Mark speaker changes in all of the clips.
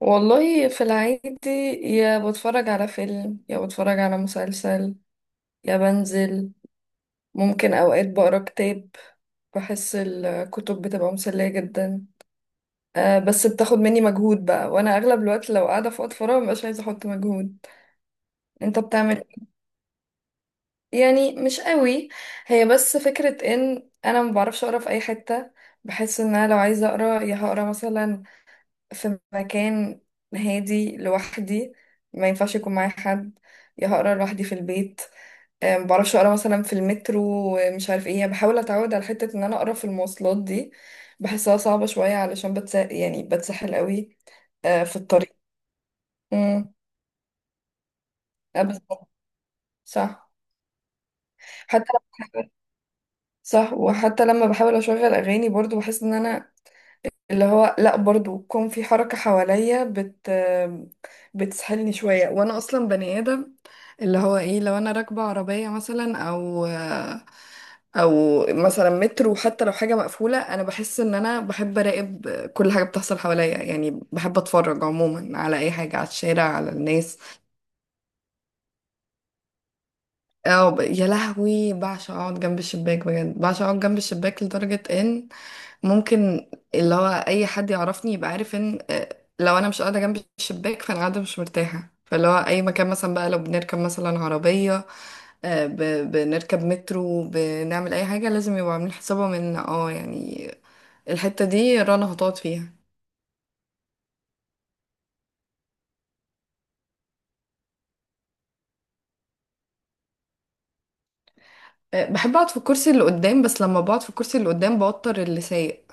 Speaker 1: والله في العيد، يا بتفرج على فيلم يا بتفرج على مسلسل يا بنزل. ممكن أوقات بقرا كتاب، بحس الكتب بتبقى مسلية جدا. أه بس بتاخد مني مجهود بقى، وأنا أغلب الوقت لو قاعدة في وقت فراغ مبقاش عايزة أحط مجهود. أنت بتعمل إيه؟ يعني مش قوي، هي بس فكرة إن أنا ما بعرفش أقرا في أي حتة. بحس إن أنا لو عايزة أقرا يا هقرا مثلا في مكان هادي لوحدي، ما ينفعش يكون معايا حد، يا هقرا لوحدي في البيت. آه، ما بعرفش اقرا مثلا في المترو. آه، مش عارف ايه، يعني بحاول اتعود على حته ان انا اقرا في المواصلات دي. بحسها صعبه شويه علشان بتسحل قوي. آه، في الطريق. امم بالظبط، صح. حتى لما صح، وحتى لما بحاول اشغل اغاني برضو بحس ان انا اللي هو لا برضو يكون في حركة حواليا، بتسهلني شوية. وانا اصلا بني ادم اللي هو ايه، لو انا راكبة عربية مثلا او مثلا مترو، حتى لو حاجة مقفولة انا بحس ان انا بحب اراقب كل حاجة بتحصل حواليا. يعني بحب اتفرج عموما على اي حاجة، على الشارع، على الناس. اه، يا لهوي بعشق اقعد جنب الشباك، بجد بعشق اقعد جنب الشباك لدرجة ان ممكن اللي هو اي حد يعرفني يبقى عارف ان لو انا مش قاعدة جنب الشباك فانا قاعدة مش مرتاحة. فاللي هو اي مكان مثلا بقى، لو بنركب مثلا عربية، بنركب مترو، بنعمل اي حاجة، لازم يبقوا عاملين حسابهم ان اه يعني الحتة دي رنا هتقعد فيها. آه، بحب اقعد في الكرسي اللي قدام، بس لما بقعد في الكرسي اللي قدام بوتر اللي سايق.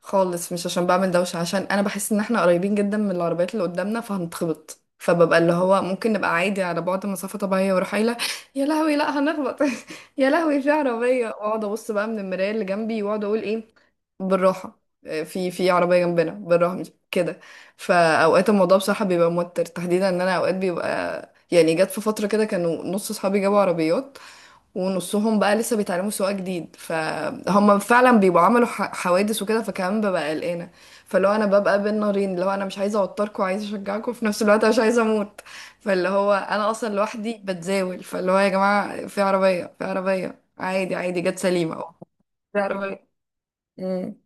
Speaker 1: خالص مش عشان بعمل دوشة، عشان انا بحس ان احنا قريبين جدا من العربيات اللي قدامنا فهنتخبط. فببقى اللي هو ممكن نبقى عادي على بعد مسافة طبيعية واروح قايلة يا لهوي لا هنخبط. يا لهوي في عربية، واقعد ابص بقى من المراية اللي جنبي واقعد اقول ايه بالراحة. آه، في في عربية جنبنا، بالراحة مش كده. فاوقات الموضوع بصراحة بيبقى موتر، تحديدا ان انا اوقات بيبقى يعني، جت في فترة كده كانوا نص صحابي جابوا عربيات ونصهم بقى لسه بيتعلموا سواقة جديد، فهم فعلا بيبقوا عملوا حوادث وكده. فكمان ببقى قلقانة، فاللي هو انا ببقى بين نارين، اللي هو انا مش عايزة اوتركم وعايزة اشجعكم في نفس الوقت، أنا مش عايزة اموت. فاللي هو انا اصلا لوحدي بتزاول، فاللي هو يا جماعة في عربية، في عربية، عادي عادي، جت سليمة أهو. في عربية. امم.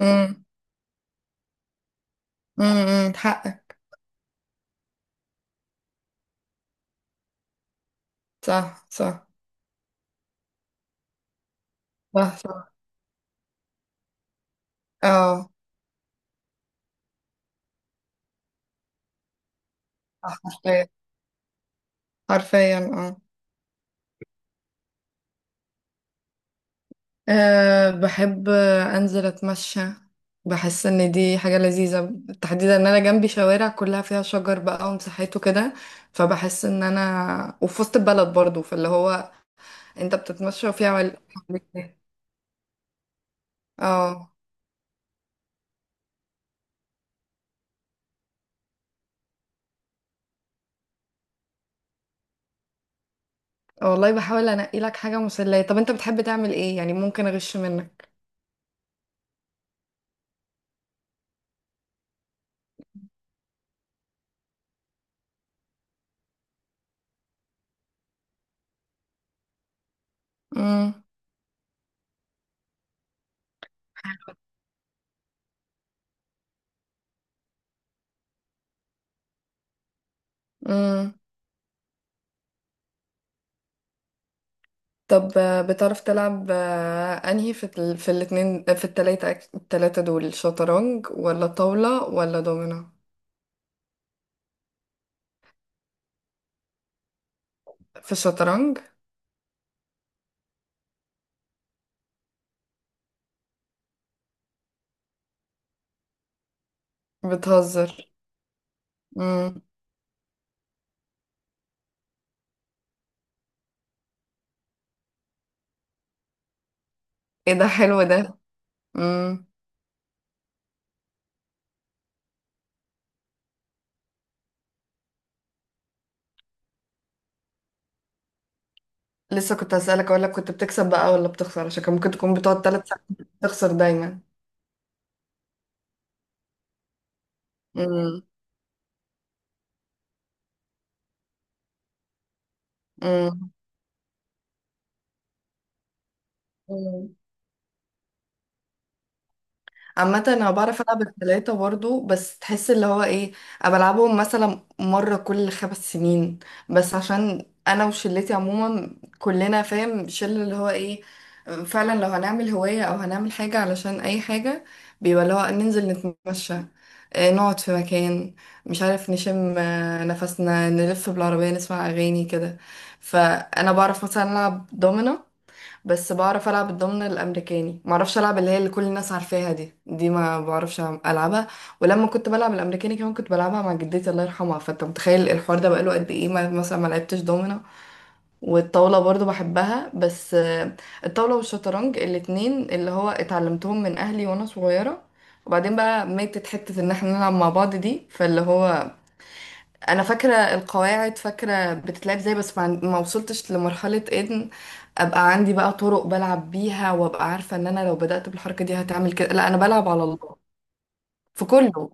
Speaker 1: امم. حقك. صح صح. صح صح. اه. صح، حرفيا. حرفيا اه. أه بحب أنزل أتمشى، بحس إن دي حاجة لذيذة. تحديدا إن أنا جنبي شوارع كلها فيها شجر بقى ومساحات وكده، فبحس إن أنا وفي وسط البلد برضو، فاللي هو أنت بتتمشى وفيها حواليك. اه، والله بحاول أنقي لك حاجة مسلية. طب أنت بتحب تعمل إيه يعني، ممكن أغش منك؟ مم. مم. طب آه، بتعرف تلعب آه، أنهي في ال... في الاتنين، في التلاتة، التلاتة دول، شطرنج ولا طاولة ولا دومينو؟ في الشطرنج. بتهزر. امم. ايه ده حلو ده. امم. لسه كنت هسألك اقول لك كنت بتكسب بقى ولا بتخسر، عشان كان ممكن تكون بتقعد 3 ساعات. تخسر دايما. امم. امم. عامة انا بعرف العب التلاتة برضو، بس تحس اللي هو ايه، انا بلعبهم مثلا مرة كل 5 سنين. بس عشان انا وشلتي عموما، كلنا فاهم شله اللي هو ايه، فعلا لو هنعمل هواية او هنعمل حاجة علشان اي حاجة، بيبقى اللي هو ننزل نتمشى، آه، نقعد في مكان، مش عارف، نشم آه، نفسنا، نلف بالعربية نسمع اغاني كده. فانا بعرف مثلا العب دومينو، بس بعرف العب الضمن الامريكاني، معرفش العب اللي هي اللي كل الناس عارفاها دي، ما بعرفش العبها. ولما كنت بلعب الامريكاني كمان كنت بلعبها مع جدتي الله يرحمها، فانت متخيل الحوار ده بقاله قد ايه، ما مثلا ما لعبتش دومنا. والطاوله برضو بحبها بس آه، الطاوله والشطرنج الاتنين اللي هو اتعلمتهم من اهلي وانا صغيره، وبعدين بقى ماتت حته ان احنا نلعب مع بعض دي. فاللي هو انا فاكره القواعد، فاكره بتتلعب ازاي، بس ما وصلتش لمرحله ان ابقى عندي بقى طرق بلعب بيها وابقى عارفه ان انا لو بدات بالحركه دي هتعمل كده، لا انا بلعب على الله. في كله.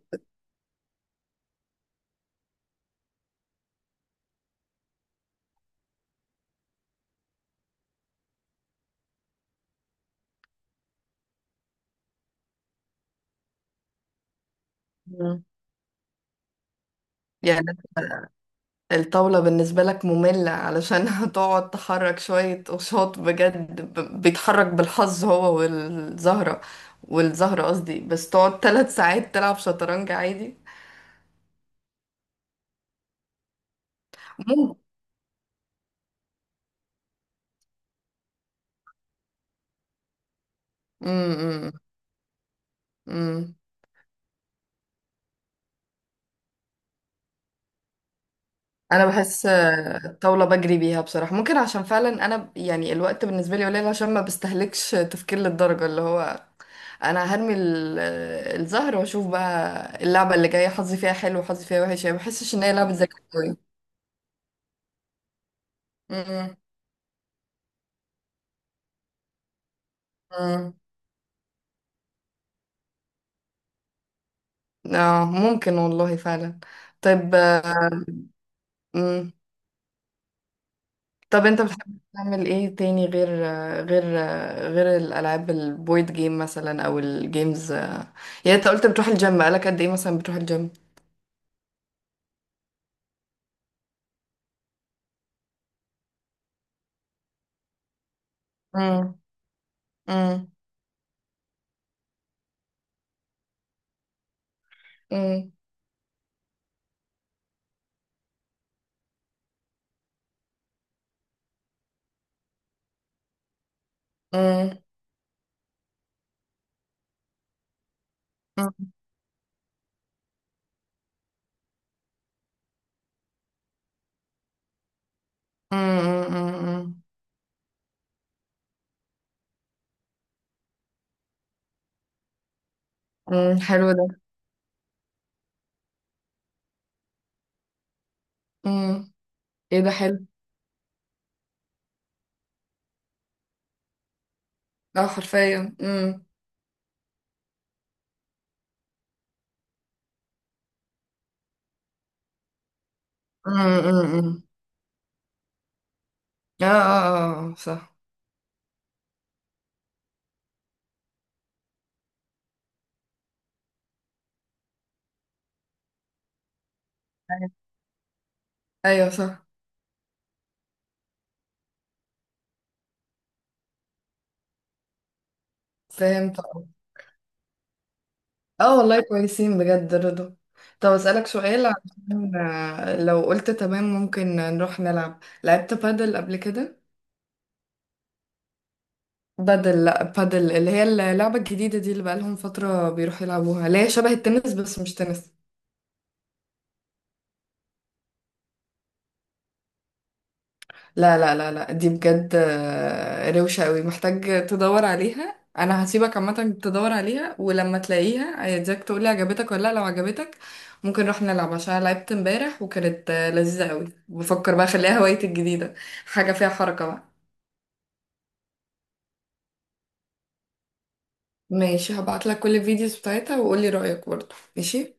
Speaker 1: مم. يعني الطاوله بالنسبه لك ممله علشان هتقعد تحرك شويه قشاط بجد، بيتحرك بالحظ هو والزهره، والزهره قصدي، بس تقعد 3 ساعات تلعب شطرنج عادي. ممكن. امم. انا بحس آه، الطاوله بجري بيها بصراحه، ممكن عشان فعلا انا يعني الوقت بالنسبه لي قليل، عشان ما بستهلكش تفكير للدرجه، اللي هو انا هرمي الزهر واشوف بقى اللعبه اللي جايه حظي فيها حلو وحظي فيها وحش. يعني ما بحسش ان هي لعبه ذكاء قوي. أمم. أمم. اه ممكن والله فعلا. طيب آه، أمم. طب انت بتحب تعمل ايه تاني، غير غير الالعاب البويد جيم مثلا او الجيمز آه، يعني انت قلت بتروح الجيم، بقالك قد ايه مثلا بتروح الجيم؟ امم. امم. امم. امم. حلو ده. امم. ايه ده حلو. اه حرفيا. امم. امم. اه اه. اه آه، صح. ايوه. أيوة صح. فهمت. اه والله كويسين بجد رضا. طب اسألك سؤال، عشان آه، لو قلت تمام ممكن نروح نلعب. لعبت بادل قبل كده؟ بادل، لا بادل اللي هي اللعبة الجديدة دي اللي بقالهم فترة بيروحوا يلعبوها، اللي هي شبه التنس بس مش تنس. لا لا لا لا، دي بجد آه، روشة قوي، محتاج تدور عليها. انا هسيبك عامة تدور عليها، ولما تلاقيها عايزاك تقولي عجبتك ولا لا. لو عجبتك ممكن نروح نلعب، عشان أنا لعبت امبارح وكانت آه، لذيذة قوي، بفكر بقى اخليها هوايتي الجديدة، حاجة فيها حركة بقى. ماشي هبعتلك كل الفيديوز بتاعتها وقولي رأيك برضه. ماشي.